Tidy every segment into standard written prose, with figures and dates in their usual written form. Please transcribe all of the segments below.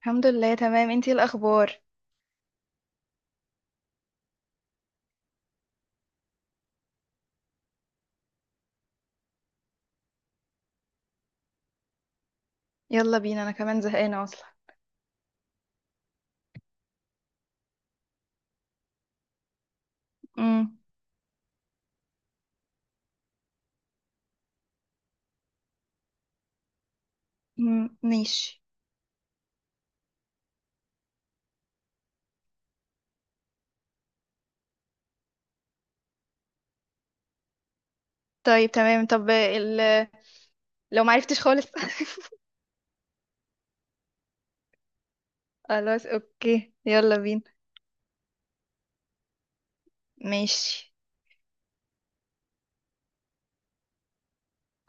الحمد لله، تمام. انتي ايه الاخبار؟ يلا بينا، انا كمان زهقانه اصلا. امم. امم، ماشي. طيب تمام. طب، لو معرفتش خالص. خلاص، اوكي، يلا بينا. ماشي.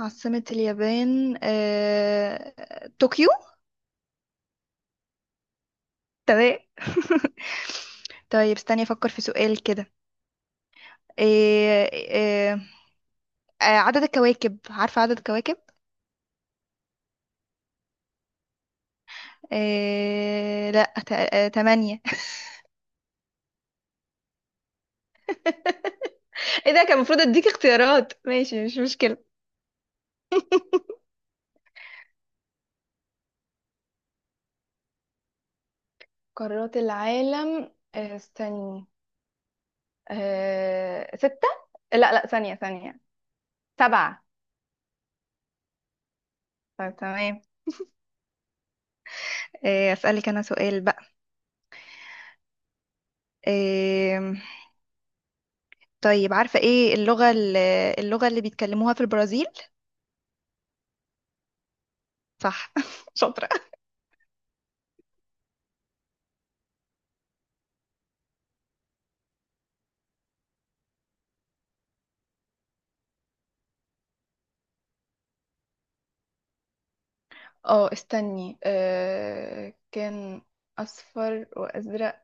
عاصمة اليابان، طوكيو تمام. طيب، استني افكر في سؤال كده. آه... آه... عدد الكواكب، عارفة عدد الكواكب؟ لا تمانية ايه ده، كان المفروض اديك اختيارات، ماشي، مش مشكلة. قارات العالم، استني ستة لا لا، ثانية ثانية، سبعة. طيب تمام. إيه، اسألك انا سؤال بقى. إيه، طيب عارفة ايه اللغة اللي بيتكلموها في البرازيل؟ صح. شاطرة. اه، استني. كان أصفر وأزرق.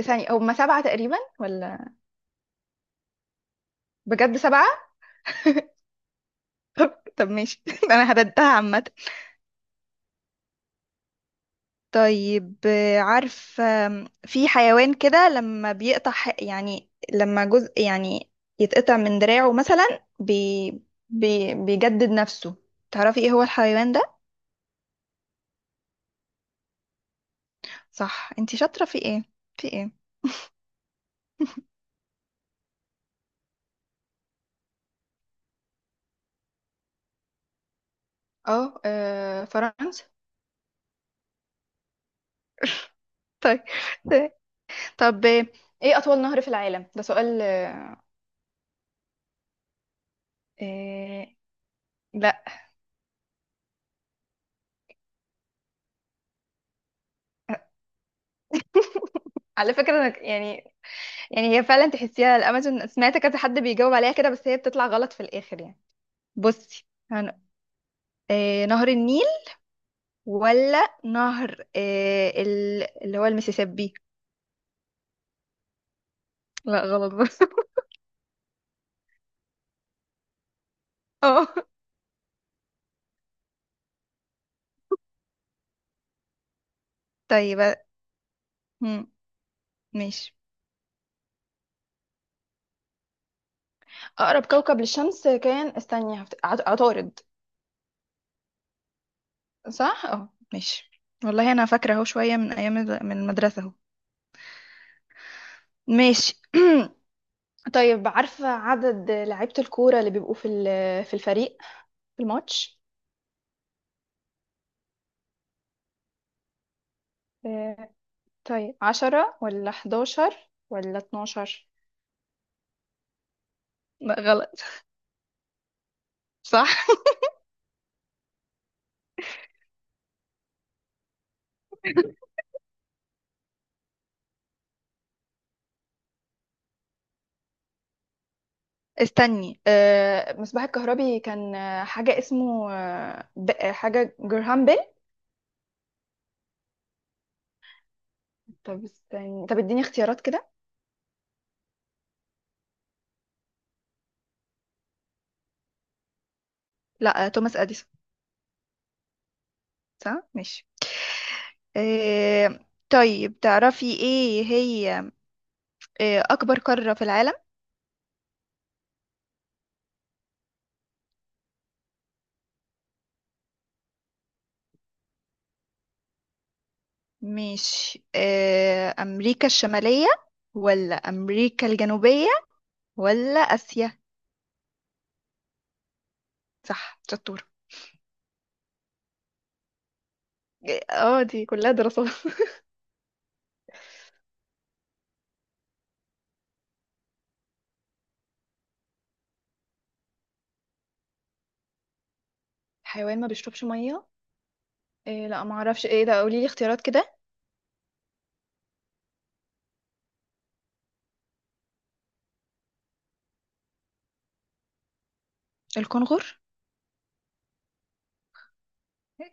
ثانية، هما سبعة تقريبا ولا؟ بجد سبعة. طب ماشي. انا هبدها عامة. طيب، عارف في حيوان كده لما بيقطع، يعني لما جزء يعني يتقطع من دراعه مثلا، بي بي بيجدد نفسه. تعرفي ايه هو الحيوان ده؟ صح، انتي شاطرة في ايه، في ايه؟ اه، فرنسا طيب. طب، ايه اطول نهر في العالم؟ ده سؤال. آه، لا على فكرة، أنا يعني هي فعلا تحسيها الامازون، سمعت كذا حد بيجاوب عليها كده بس هي بتطلع غلط في الاخر يعني. بصي. هن- نهر النيل ولا نهر، اللي هو المسيسيبي؟ لا، غلط برضه. اه. طيب. مم. ماشي. أقرب كوكب للشمس كان، استني، عطارد صح؟ اه، ماشي. والله أنا فاكرة أهو شوية من أيام من المدرسة أهو. ماشي. طيب، عارفة عدد لعيبة الكورة اللي بيبقوا في الفريق، في الماتش؟ آه، طيب عشرة ولا حداشر ولا اتناشر؟ لا، غلط. صح. استني، مصباح الكهربي كان، حاجة اسمه، حاجة جرهام بيل. طب استني، طب اديني اختيارات كده. لا، توماس اديسون. صح، ماشي. آه، طيب تعرفي ايه هي اكبر قارة في العالم؟ مش امريكا الشمالية ولا امريكا الجنوبية ولا اسيا؟ صح، شطور. اه. دي كلها دراسات. حيوان ما بيشربش مية؟ إيه، لا، ما اعرفش. ايه ده، قولي لي اختيارات كده. الكنغر.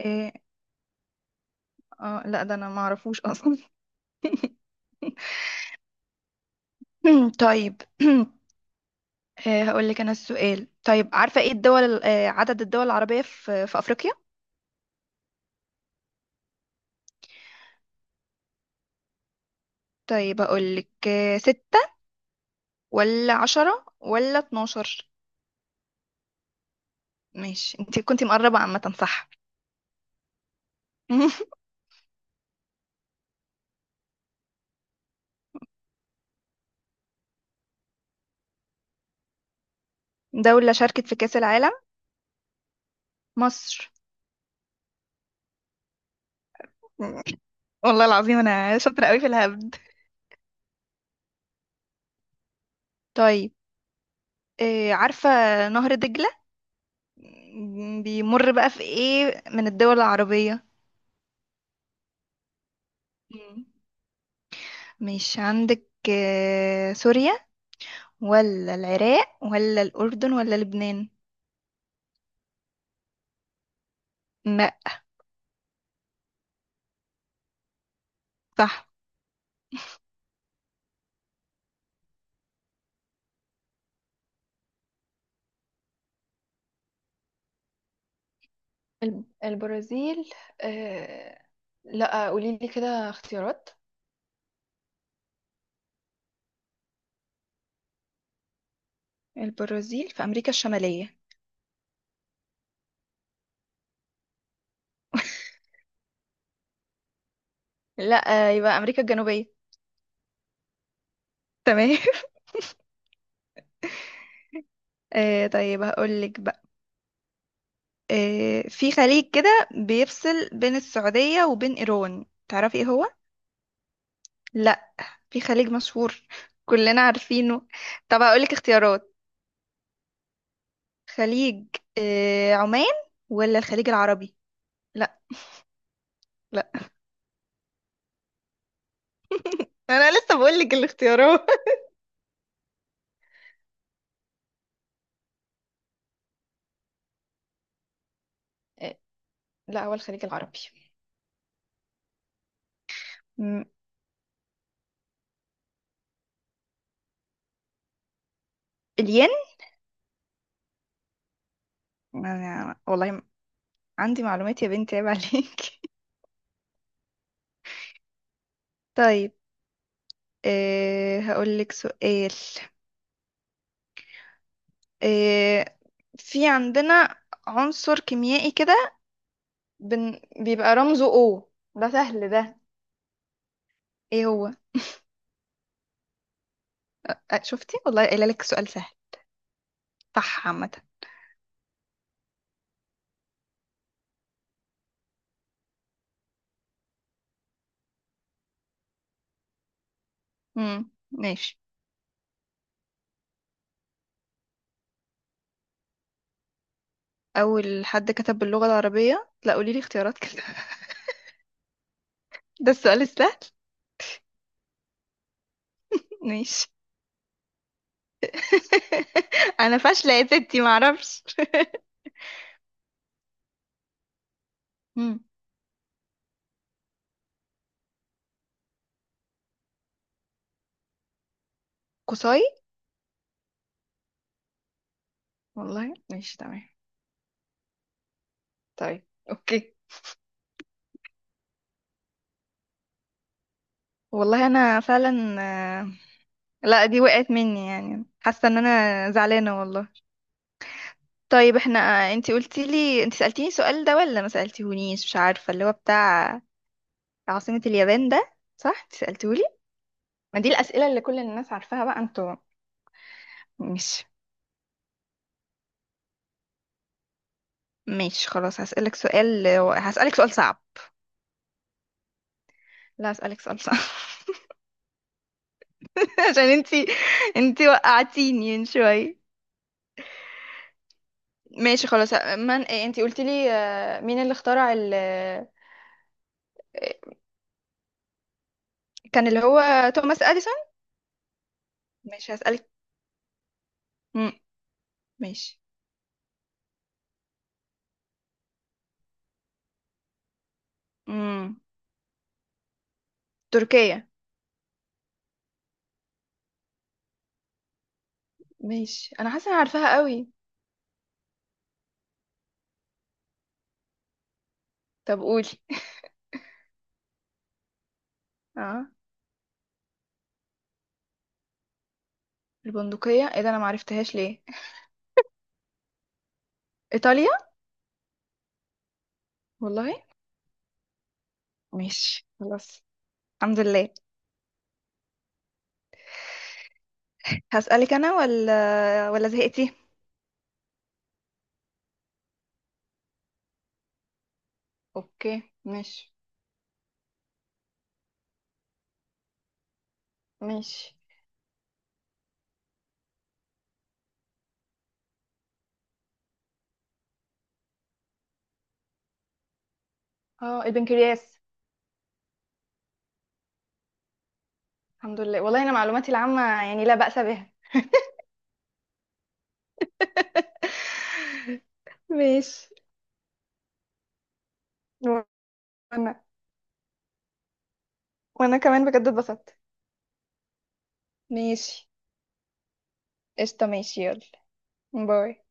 إيه؟ اه، لا ده انا ما اعرفوش اصلا. طيب. هقول لك انا السؤال. طيب، عارفة ايه الدول ال- آه، عدد الدول العربية في افريقيا؟ طيب هقول لك، ستة ولا عشرة ولا اتناشر؟ ماشي، انت كنت مقربة عامة صح. دولة شاركت في كأس العالم. مصر. والله العظيم انا شاطرة قوي في الهبد. طيب، عارفة نهر دجلة بيمر بقى في ايه من الدول العربية؟ مم. مش عندك سوريا ولا العراق ولا الأردن ولا لبنان؟ لا. صح. البرازيل. آه... لا قولي لي كده اختيارات. البرازيل في أمريكا الشمالية؟ لا، يبقى أمريكا الجنوبية. تمام. طيب هقولك بقى، في خليج كده بيفصل بين السعودية وبين إيران، تعرفي ايه هو؟ لا. في خليج مشهور، كلنا عارفينه. طب هقولك اختيارات. خليج، عمان ولا الخليج العربي؟ لا. لا، انا لسه بقول لك الاختيارات. آه، لا هو الخليج العربي. م، الين أنا والله، عندي معلومات، يا بنتي عيب عليك. طيب، هقول لك سؤال. أه في عندنا عنصر كيميائي كده، بيبقى رمزه O، ده سهل ده، ايه هو؟ شفتي والله قايله لك سؤال سهل. صح عامه. امم، ماشي. أول حد كتب باللغة العربية؟ لا، قولي لي اختيارات كده. ده السؤال السهل. ماشي. أنا فاشلة يا ستي، معرفش. مم. قصاي. والله، ماشي تمام. طيب. أوكي. والله أنا فعلا، آه، لا دي وقعت مني يعني، حاسة إن أنا زعلانة والله. طيب احنا، انتي قلتي لي انتي سألتيني السؤال ده ولا ما سألتيهونيش، مش عارفة اللي هو بتاع عاصمة اليابان ده، صح انتي سألتيهولي؟ ما دي الأسئلة اللي كل الناس عارفاها بقى انتوا. مش. ماشي خلاص، هسألك سؤال صعب. لا، هسألك سؤال صعب. عشان انتي وقعتيني من شوية. ماشي خلاص. من إيه، انتي قلتي لي، مين اللي اخترع ال آه، كان اللي هو توماس اديسون. ماشي، هسألك. مم. ماشي. مم. تركيا. ماشي، انا حاسة انا عارفاها قوي. طب قولي. اه، البندقية، ايه ده انا معرفتهاش ليه. ايطاليا. والله. ماشي خلاص. الحمد لله. هسألك انا، ولا زهقتي اوكي، ماشي. ماشي. اه، البنكرياس. الحمد لله، والله انا معلوماتي العامة يعني لا بأس بها. ماشي. وانا. وانا كمان بجد اتبسطت. ماشي. قشطة، ماشي، يلا. باي.